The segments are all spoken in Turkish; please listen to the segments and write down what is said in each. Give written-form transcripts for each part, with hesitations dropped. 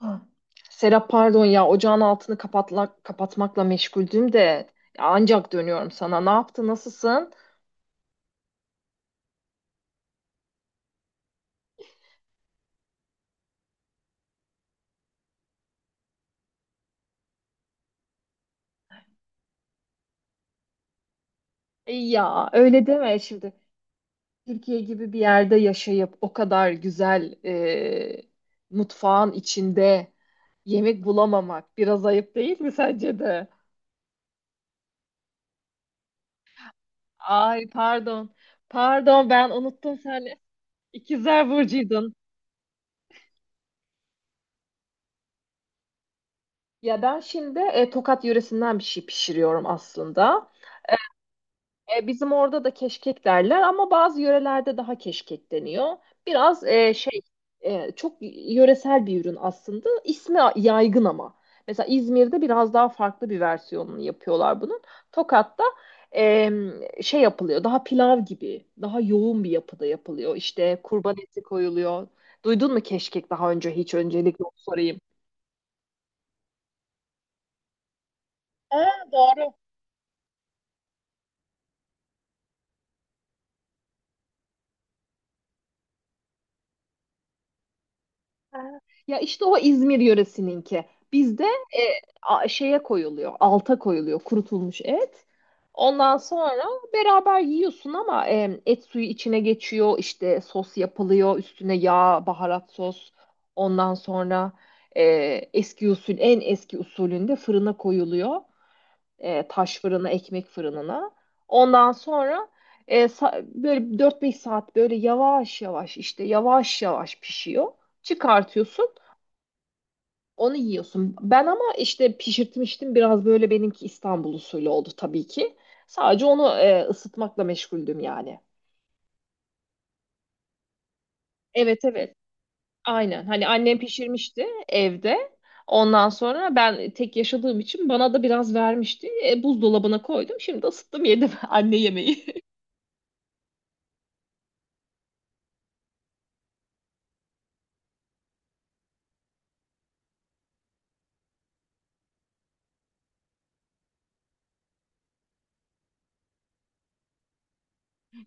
Ah. Serap pardon ya, ocağın altını kapatmakla meşguldüm de ya ancak dönüyorum sana. Ne yaptı, nasılsın? Ya öyle deme şimdi. Türkiye gibi bir yerde yaşayıp o kadar güzel mutfağın içinde yemek bulamamak biraz ayıp değil mi, sence de? Ay, pardon. Pardon, ben unuttum seni. İkizler Burcu'ydun. Ya ben şimdi Tokat yöresinden bir şey pişiriyorum aslında. Bizim orada da keşkek derler ama bazı yörelerde daha keşkek deniyor. Biraz çok yöresel bir ürün aslında. İsmi yaygın ama. Mesela İzmir'de biraz daha farklı bir versiyonunu yapıyorlar bunun. Tokat'ta e, yapılıyor. Daha pilav gibi, daha yoğun bir yapıda yapılıyor. İşte kurban eti koyuluyor. Duydun mu keşkek daha önce hiç? Öncelikle onu sorayım. Aa, doğru. Ha. Ya, işte o İzmir yöresininki. Bizde şeye koyuluyor, alta koyuluyor kurutulmuş et. Ondan sonra beraber yiyorsun ama et suyu içine geçiyor, işte sos yapılıyor, üstüne yağ, baharat sos. Ondan sonra e, eski usul, en eski usulünde fırına koyuluyor. Taş fırına, ekmek fırınına. Ondan sonra böyle 4-5 saat böyle yavaş yavaş işte yavaş yavaş pişiyor. Çıkartıyorsun. Onu yiyorsun. Ben ama işte pişirtmiştim, biraz böyle benimki İstanbul usulü oldu tabii ki. Sadece onu ısıtmakla meşguldüm yani. Evet, evet. Aynen. Hani annem pişirmişti evde. Ondan sonra ben tek yaşadığım için bana da biraz vermişti. Buzdolabına koydum. Şimdi ısıttım, yedim anne yemeği.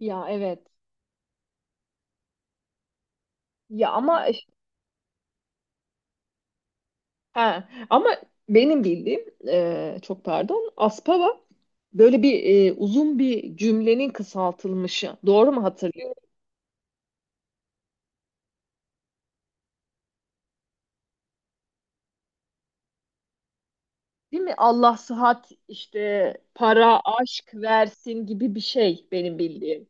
Ya, evet. Ya ama e, he, ama benim bildiğim çok pardon, aspava böyle bir uzun bir cümlenin kısaltılmışı. Doğru mu hatırlıyorum? Değil mi? Allah sıhhat, işte para, aşk versin gibi bir şey benim bildiğim.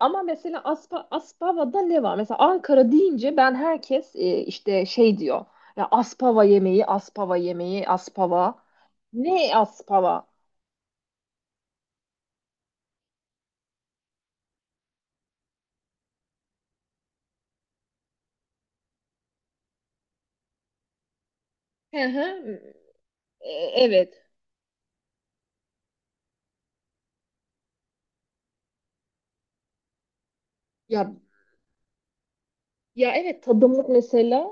Ama mesela Aspava'da ne var? Mesela Ankara deyince ben, herkes işte şey diyor. Ya, Aspava yemeği, Aspava yemeği, Aspava. Ne Aspava? Hı hı. Evet. Ya ya, evet, tadımlık mesela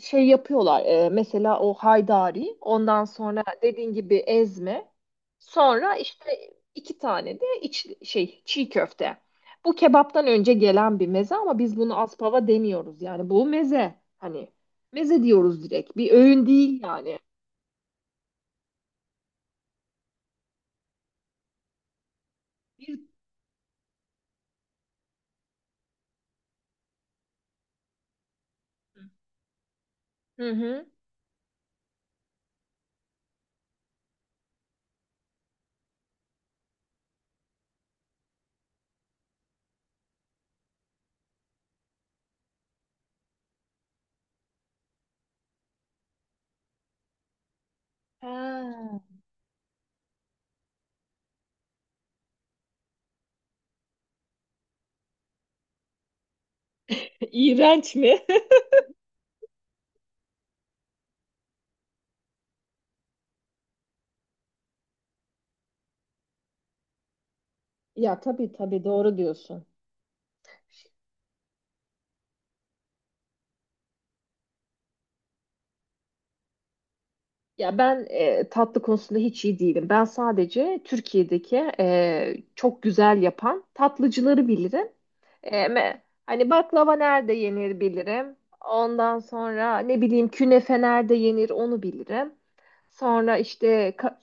şey yapıyorlar. Mesela o haydari, ondan sonra dediğin gibi ezme. Sonra işte iki tane de iç, şey çiğ köfte. Bu kebaptan önce gelen bir meze ama biz bunu aspava demiyoruz. Yani bu meze. Hani meze diyoruz direkt. Bir öğün değil yani. Bir... Hı hı. Ha. İğrenç mi? Ya, tabii tabii, doğru diyorsun. Ya ben tatlı konusunda hiç iyi değilim. Ben sadece Türkiye'deki çok güzel yapan tatlıcıları bilirim. Hani baklava nerede yenir bilirim. Ondan sonra ne bileyim, künefe nerede yenir onu bilirim. Sonra işte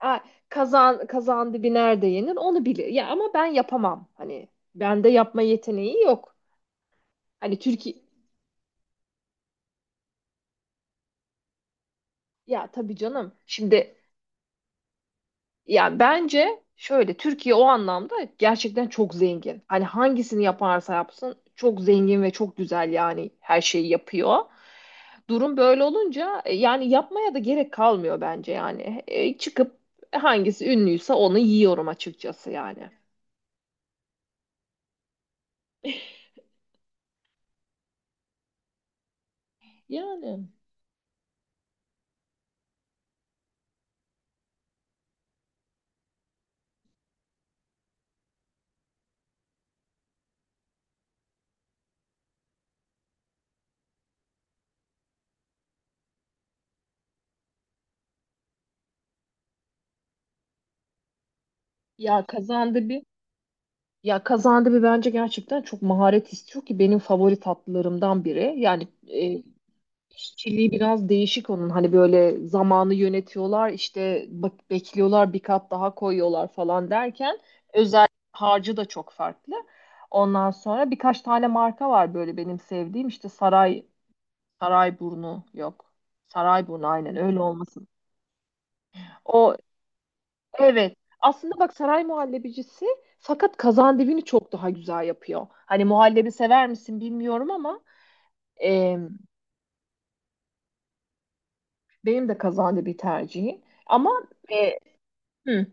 a- kazan dibi nerede yenir onu bilir. Ya ama ben yapamam. Hani bende yapma yeteneği yok. Hani Türkiye, ya tabii canım. Şimdi, yani bence şöyle, Türkiye o anlamda gerçekten çok zengin. Hani hangisini yaparsa yapsın çok zengin ve çok güzel, yani her şeyi yapıyor. Durum böyle olunca yani yapmaya da gerek kalmıyor bence yani. Çıkıp hangisi ünlüyse onu yiyorum açıkçası yani. Yani ya kazandı bir ya kazandı bir bence gerçekten çok maharet istiyor ki benim favori tatlılarımdan biri. Yani İşçiliği biraz değişik onun. Hani böyle zamanı yönetiyorlar, işte bak bekliyorlar, bir kat daha koyuyorlar falan derken özel harcı da çok farklı. Ondan sonra birkaç tane marka var böyle benim sevdiğim. İşte Sarayburnu yok. Sarayburnu aynen öyle olmasın. O, evet. Aslında bak, Saray Muhallebicisi, fakat kazandivini çok daha güzel yapıyor. Hani muhallebi sever misin bilmiyorum ama e, benim de kazandibi tercihim. Ama e, hı.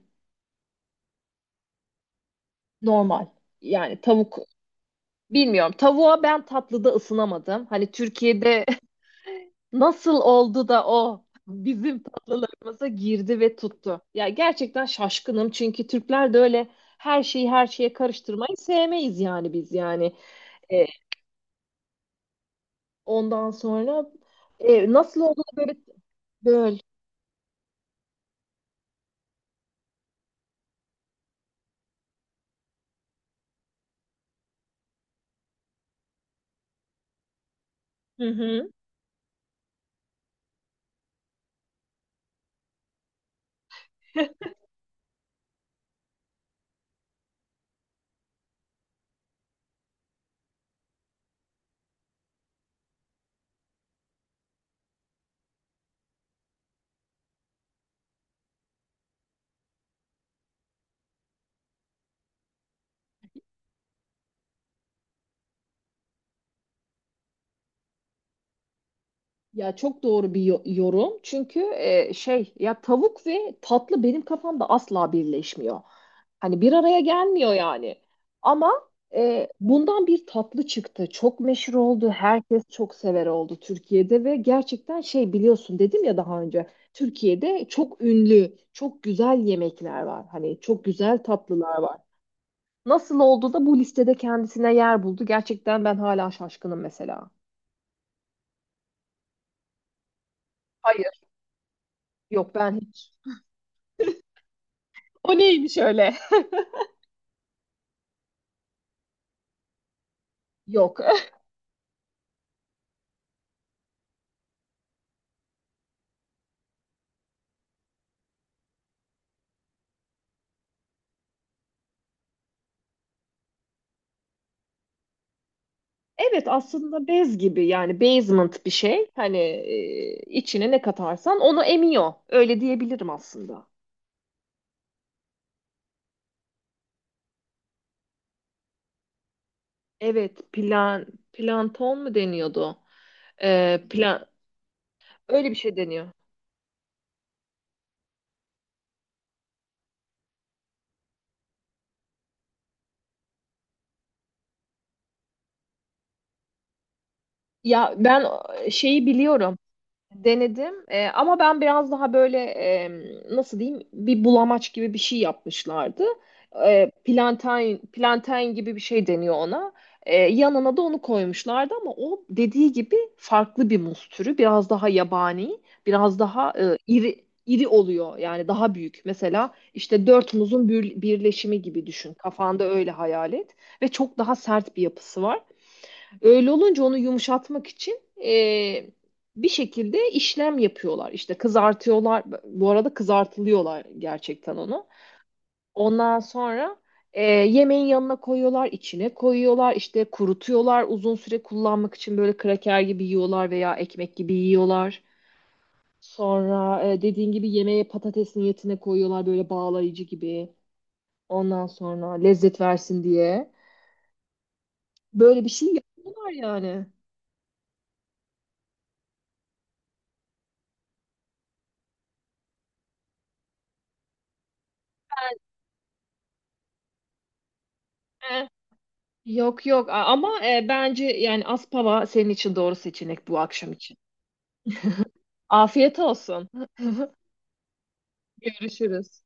Normal. Yani tavuk bilmiyorum. Tavuğa ben tatlıda ısınamadım. Hani Türkiye'de nasıl oldu da o bizim tatlılarımıza girdi ve tuttu. Ya gerçekten şaşkınım, çünkü Türkler de öyle her şeyi her şeye karıştırmayı sevmeyiz yani, biz yani. E, Ondan sonra nasıl oldu da böyle böl. Hı hı. Ya, çok doğru bir yorum. Çünkü ya tavuk ve tatlı benim kafamda asla birleşmiyor. Hani bir araya gelmiyor yani. Ama bundan bir tatlı çıktı. Çok meşhur oldu. Herkes çok sever oldu Türkiye'de ve gerçekten biliyorsun, dedim ya daha önce. Türkiye'de çok ünlü, çok güzel yemekler var. Hani çok güzel tatlılar var. Nasıl oldu da bu listede kendisine yer buldu? Gerçekten ben hala şaşkınım mesela. Hayır, yok, ben hiç. O neymiş öyle? Yok. Evet, aslında bez gibi yani, basement bir şey. Hani içine ne katarsan onu emiyor. Öyle diyebilirim aslında. Evet, planton mu deniyordu? Plan Öyle bir şey deniyor. Ya ben şeyi biliyorum. Denedim. Ama ben biraz daha böyle nasıl diyeyim, bir bulamaç gibi bir şey yapmışlardı. Plantain, plantain gibi bir şey deniyor ona. Yanına da onu koymuşlardı ama o dediği gibi farklı bir muz türü. Biraz daha yabani, biraz daha iri iri oluyor yani, daha büyük. Mesela işte dört muzun birleşimi gibi düşün. Kafanda öyle hayal et ve çok daha sert bir yapısı var. Öyle olunca onu yumuşatmak için e, bir şekilde işlem yapıyorlar. İşte kızartıyorlar. Bu arada kızartılıyorlar gerçekten onu. Ondan sonra yemeğin yanına koyuyorlar, içine koyuyorlar, işte kurutuyorlar. Uzun süre kullanmak için böyle kraker gibi yiyorlar veya ekmek gibi yiyorlar. Sonra dediğin gibi yemeğe patates niyetine koyuyorlar, böyle bağlayıcı gibi. Ondan sonra lezzet versin diye. Böyle bir şey yapıyorlar yani. Yok yok, ama bence yani Aspava senin için doğru seçenek bu akşam için. Afiyet olsun. Görüşürüz.